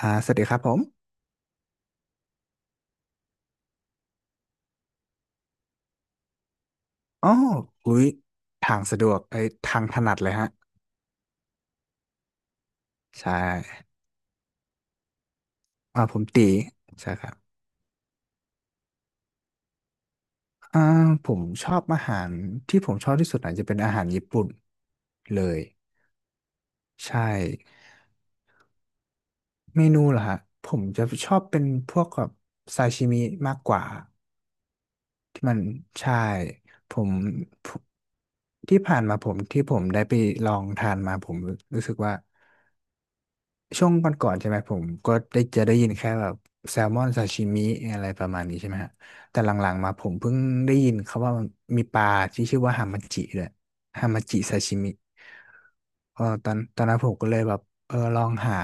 สวัสดีครับผมอ๋ออุ้ยทางสะดวกไอ้ยทางถนัดเลยฮะ ใช่ผมตี ใช่ครับอ่าผมชอบอาหารที่ผมชอบที่สุดอาจจะเป็นอาหารญี่ปุ่นเลย ใช่ เมนูเหรอฮะ ผมจะชอบเป็นพวกแบบซาชิมิมากกว่าที่มันใช่ผมผมที่ผ่านมาผมที่ผมได้ไปลองทานมาผมรู้สึกว่า ช่วงก่อนๆใช่ไหมผมก็ได้จะได้ยินแค่แบบแซลมอนซาชิมิอะไรประมาณนี้ใช่ไหมฮะแต่หลังๆมาผมเพิ่งได้ยินเขาว่ามันมีปลาที่ชื่อว่าฮามาจิด้วยฮามาจิซาชิมิเออตอนนั้นผมก็เลยแบบเออลองหา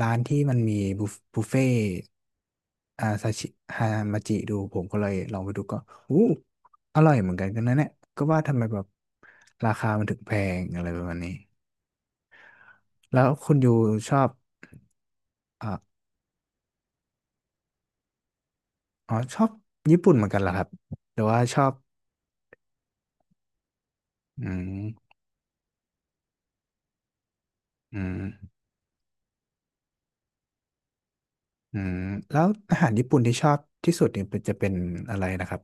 ร้านที่มันมีบุฟเฟ่ต์ซาชิฮามาจิดูผมก็เลยลองไปดูก็อู้อร่อยเหมือนกันนะเนี่ยก็ว่าทำไมแบบราคามันถึงแพงอะไรประมาณนี้แล้วคุณยูชอบอ่า อ๋อชอบญี่ปุ่นเหมือนกันเหรอครับหรือว่าชอบอืมอืมอืมแล้วอาหารญี่ปุ่นที่ชอบที่สุดเนี่ยจะเป็นอะไรนะครับ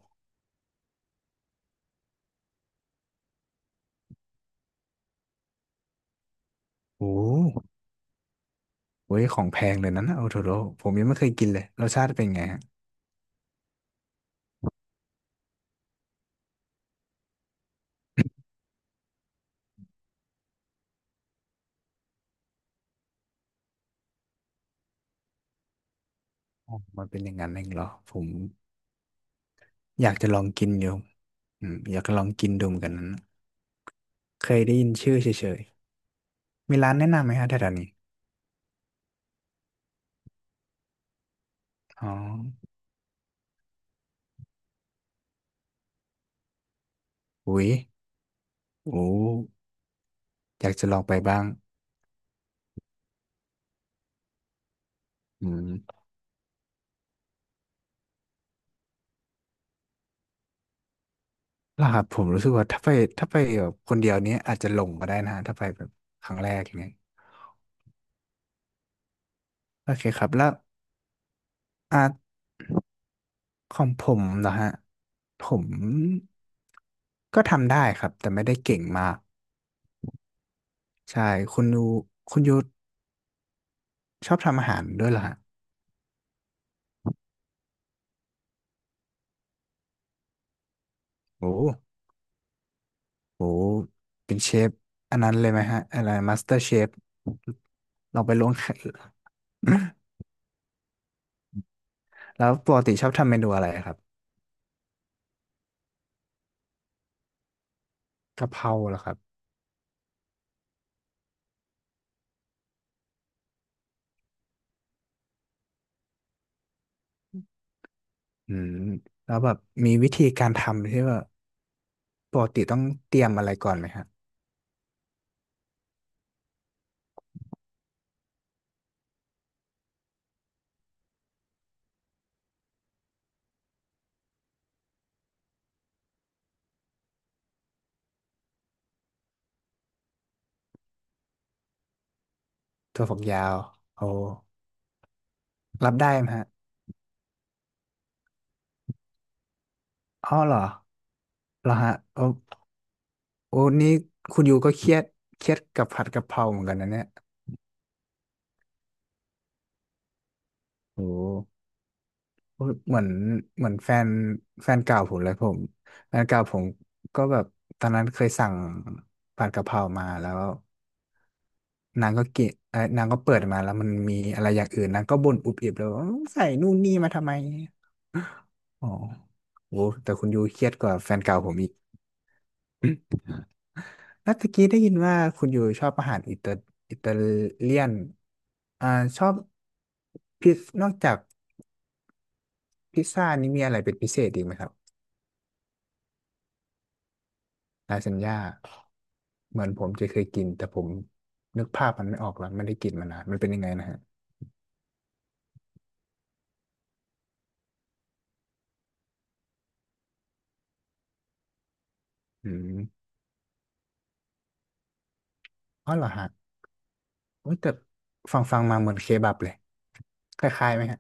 โอ้โหของแพงเลยนั้นนะโอโทโร่ผมยังไม่เคยกินเลยรสชาติเป็นไงฮะอ๋อมันเป็นอย่างนั้นเองเหรอผมอยากจะลองกินอยู่อืมอยากจะลองกินดูเหมือนกันนั้นเคยได้ยินชื่อเฉยๆมีร้านแนะนำไหมฮะแถวๆนี้อ๋ออุ้ยโอ้อยากจะลองไปบ้างอืม หลับผมรู้สึกว่าถ้าไปถ้าไปแบบคนเดียวนี้อาจจะหลงก็ได้นะฮะถ้าไปแบบครั้งแรกอย่างเงี้ยโอเคครับแล้วอาร์ตของผมเหรอฮะผมก็ทำได้ครับแต่ไม่ได้เก่งมากใช่คุณยูคุณยูชอบทำอาหารด้วยเหรอฮะโอ้โหเป็นเชฟอันนั้นเลยไหมฮะอะไรมาสเตอร์เชฟลองไปลงแข่ง แล้วปกติชอบทำเมนูอะไรครับกะเพราเหรอครับอืมแล้วแบบมีวิธีการทำที่ว่า ปกติต้องเตรียมอะไรก่อนไหมฮะถั่วฝักยาวโอ้รับได้ไหมฮะอ้อเหรอเหรอฮะโอ้โอ้นี่คุณยูก็เครียดกับผัดกะเพราเหมือนกันนะเนี่ยโอ้โอ้เหมือนเหมือนแฟนแฟนเก่าผมเลยแฟนเก่าผมก็แบบตอนนั้นเคยสั่งผัดกะเพรามาแล้วนางก็กินเอ้ยนางก็เปิดมาแล้วมันมีอะไรอย่างอื่นนางก็บ่นอุบอิบแล้วาใส่นู่นนี่มาทำไมอ๋อโอ้แต่คุณยูเครียดกว่าแฟนเก่าผมอีก แล้วตะกี้ได้ยินว่าคุณอยู่ชอบอาหารอิตาเลียน อ่าชอบนอกจากพิซซ่านี้มีอะไรเป็นพิเศษอีกไหมครับลาซานญ่าเหมือนผมจะเคยกินแต่ผมนึกภาพมันไม่ออกแล้วไม่ได้กินมานานมันเป็นยังไงนะฮะอืมอ๋อเหรอฮะโอ้ยแต่ฟังมาเหมือนเคบับเลยคล้ายๆไหมฮะ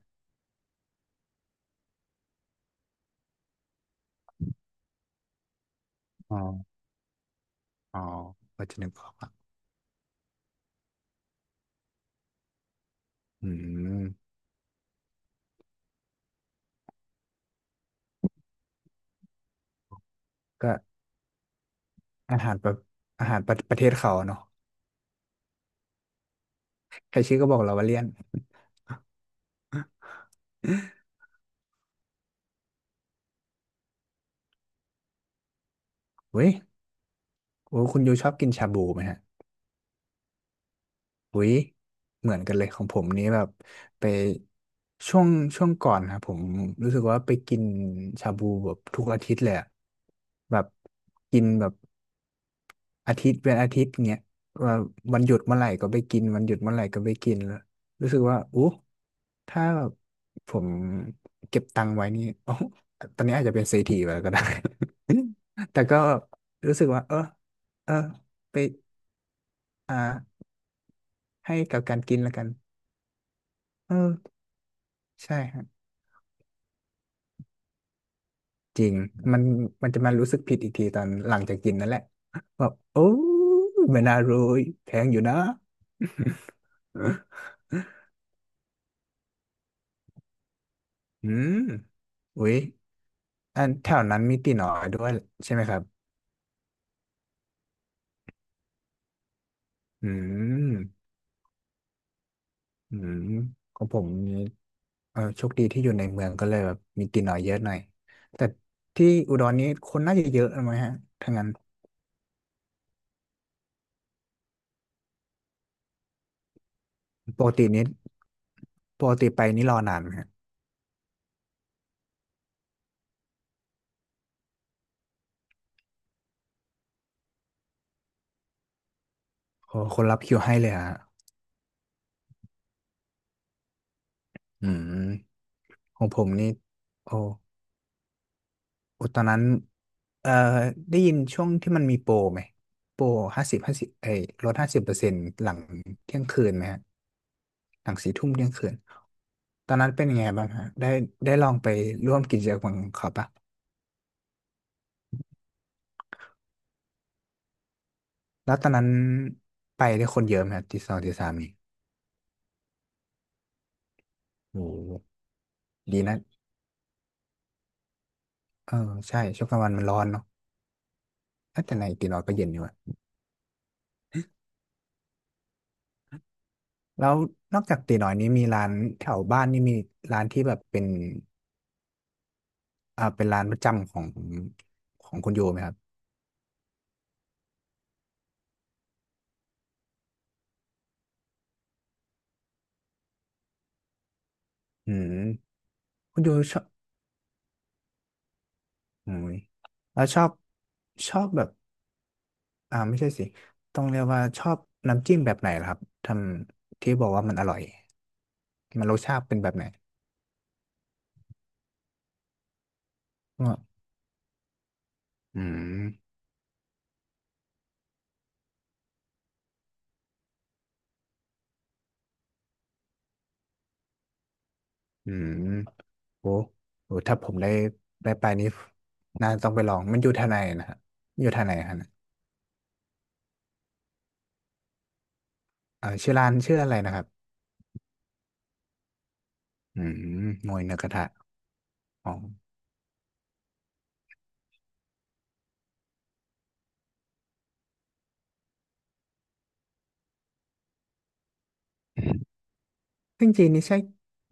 อ๋ออ๋อก็จะนึกออกอะอืมก็อาหารประอาหารประเทศเขาเนาะใครชื่อก็บอกเราว่าเลี่ยนเว้ย โอ้คุณยูชอบกินชาบูไหมฮะอุ้ยเหมือนกันเลยของผมนี้แบบไปช่วงช่วงก่อนนะผมรู้สึกว่าไปกินชาบูแบบทุกอาทิตย์เลยอะแบบกินแบบอาทิตย์เป็นอาทิตย์เงี้ยว่าวันหยุดเมื่อไหร่ก็ไปกินวันหยุดเมื่อไหร่ก็ไปกินแล้วรู้สึกว่าอู้ถ้าแบบผมเก็บตังค์ไว้นี่ โอ้ตอนนี้อาจจะเป็นเศรษฐีไปแล้วก็ได้ แต่ก็รู้สึกว่าเออเออไปอ่า ให้กับการกินแล้วกันเออใช่ครับจริงมันมันจะมารู้สึกผิดอีกทีตอนหลังจากกินนั่นแหละแบบโอ้ยไม่น่ารวยแพงอยู่นะ อืมอุ้ยอันแถวนั้นมีตีน้อยด้วยใช่ไหมครับอืมอืมของผมมีเออโชคดีที่อยู่ในเมืองก็เลยแบบมีตีน้อยเยอะหน่อยแต่ที่อุดรนี้คนน่าจะเยอะไหมฮะถ้างั้นปกตินี้ปกติไปนี่รอนานไหมฮะโอ้คนรับคิวให้เลยฮะอืม ของผมนี่โอ้โอ้ตอนนั้นเอ่อได้ยินช่วงที่มันมีโปรไหมโปรห้าสิบห้าสิบไอ้ลด50%หลังเที่ยงคืนไหมฮะหลังสี่ทุ่มเที่ยงคืนตอนนั้นเป็นยังไงบ้างฮะได้ลองไปร่วมกิจกรรมของเขาปะแล้วตอนนั้นไปได้คนเยอะไหมฮะตีสองตีสามนี่โอ้ดีนะเออใช่ช่วงกลางวันมันร้อนเนาะเอ้ยแต่ในตีน้อยก็เย็นอยู่อะแล้วนอกจากตีน้อยนี้มีร้านแถวบ้านนี่มีร้านที่แบบเป็น เป็นร้านประจำของคุณโยไหมครับอืมคุณโยชอบอืมแล้วชอบแบบไม่ใช่สิต้องเรียกว่าชอบน้ำจิ้มแบบไหนล่ะครับทำที่บอกว่ามันอร่อยมันรสชาติเป็นแบบไหนก็อืมอืมโอ้โหถ้าผมได้ไปนี้น่าต้องไปลองมันอยู่ทางไหนนะครับอยู่ทางไหนครับชื่อร้านชื่ออะไรนะครับอืมมวยเนื้อกระทะอ๋อซึ่งจีนนี่ใช่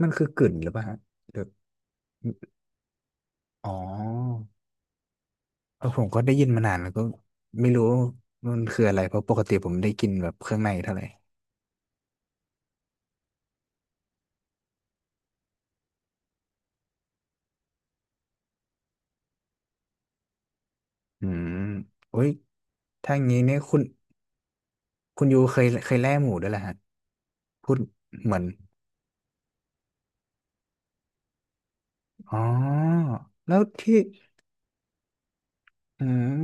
มันคือกึ่นหรือเปล่าฮะหรือ อ๋อเออผมก็ได้ยินมานานแล้วก็ไม่รู้มันคืออะไรเพราะปกติผมไม่ได้กินแบบเครื่องในเท่าไหร่อืมโอ้ยถ้างี้เนี่ยคุณยูเคยแล่หมูด้วยเหรอฮะพูดเหมือนอ๋อแล้วที่อืม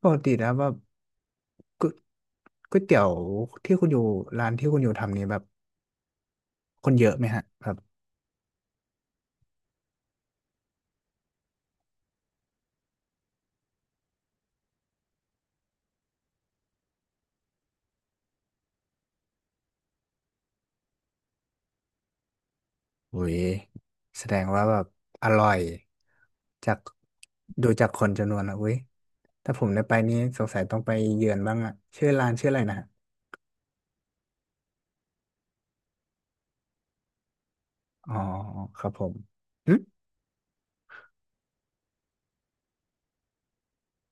ปกติแล้วแบบก๋วยก๋วยเตี๋ยวที่คุณอยู่ร้านที่คุณอยู่ทำนี้แบบคนเยอะไหมฮะแบบโอ้ยแสดงว่าแบบอร่อยจากดูจากคนจำนวนแล้วเว้ย ถ้าผมได้ไปนี้สงสัยต้องไปเยือนบ้างอะชื่อร้านชื่ออะไรนะฮะอ๋อครับผมหึ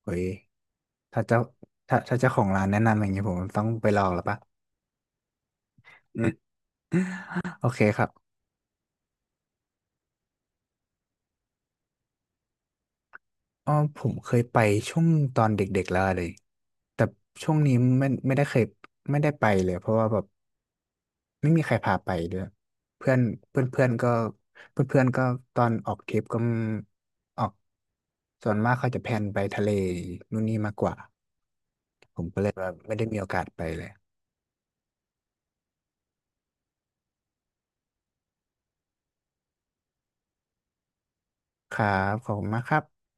เฮ้ยถ้าเจ้าถ้าเจ้าของร้านแนะนำอย่างนี้ผมต้องไปลองแล้วปะอืมโอเคครับอ๋อผมเคยไปช่วงตอนเด็กๆแล้วเลยแต่ช่วงนี้ไม่ได้เคยไม่ได้ไปเลยเพราะว่าแบบไม่มีใครพาไปด้วยเพื่อนเพื่อนเพื่อนก็เพื่อนเพื่อนก็ตอนออกทริปก็ออกส่วนมากเขาจะแพลนไปทะเลนู่นนี่มากกว่า ผมก็เลยแบบไม่ได้มีโอกาสไปเลยครับขอบคุณมากครับ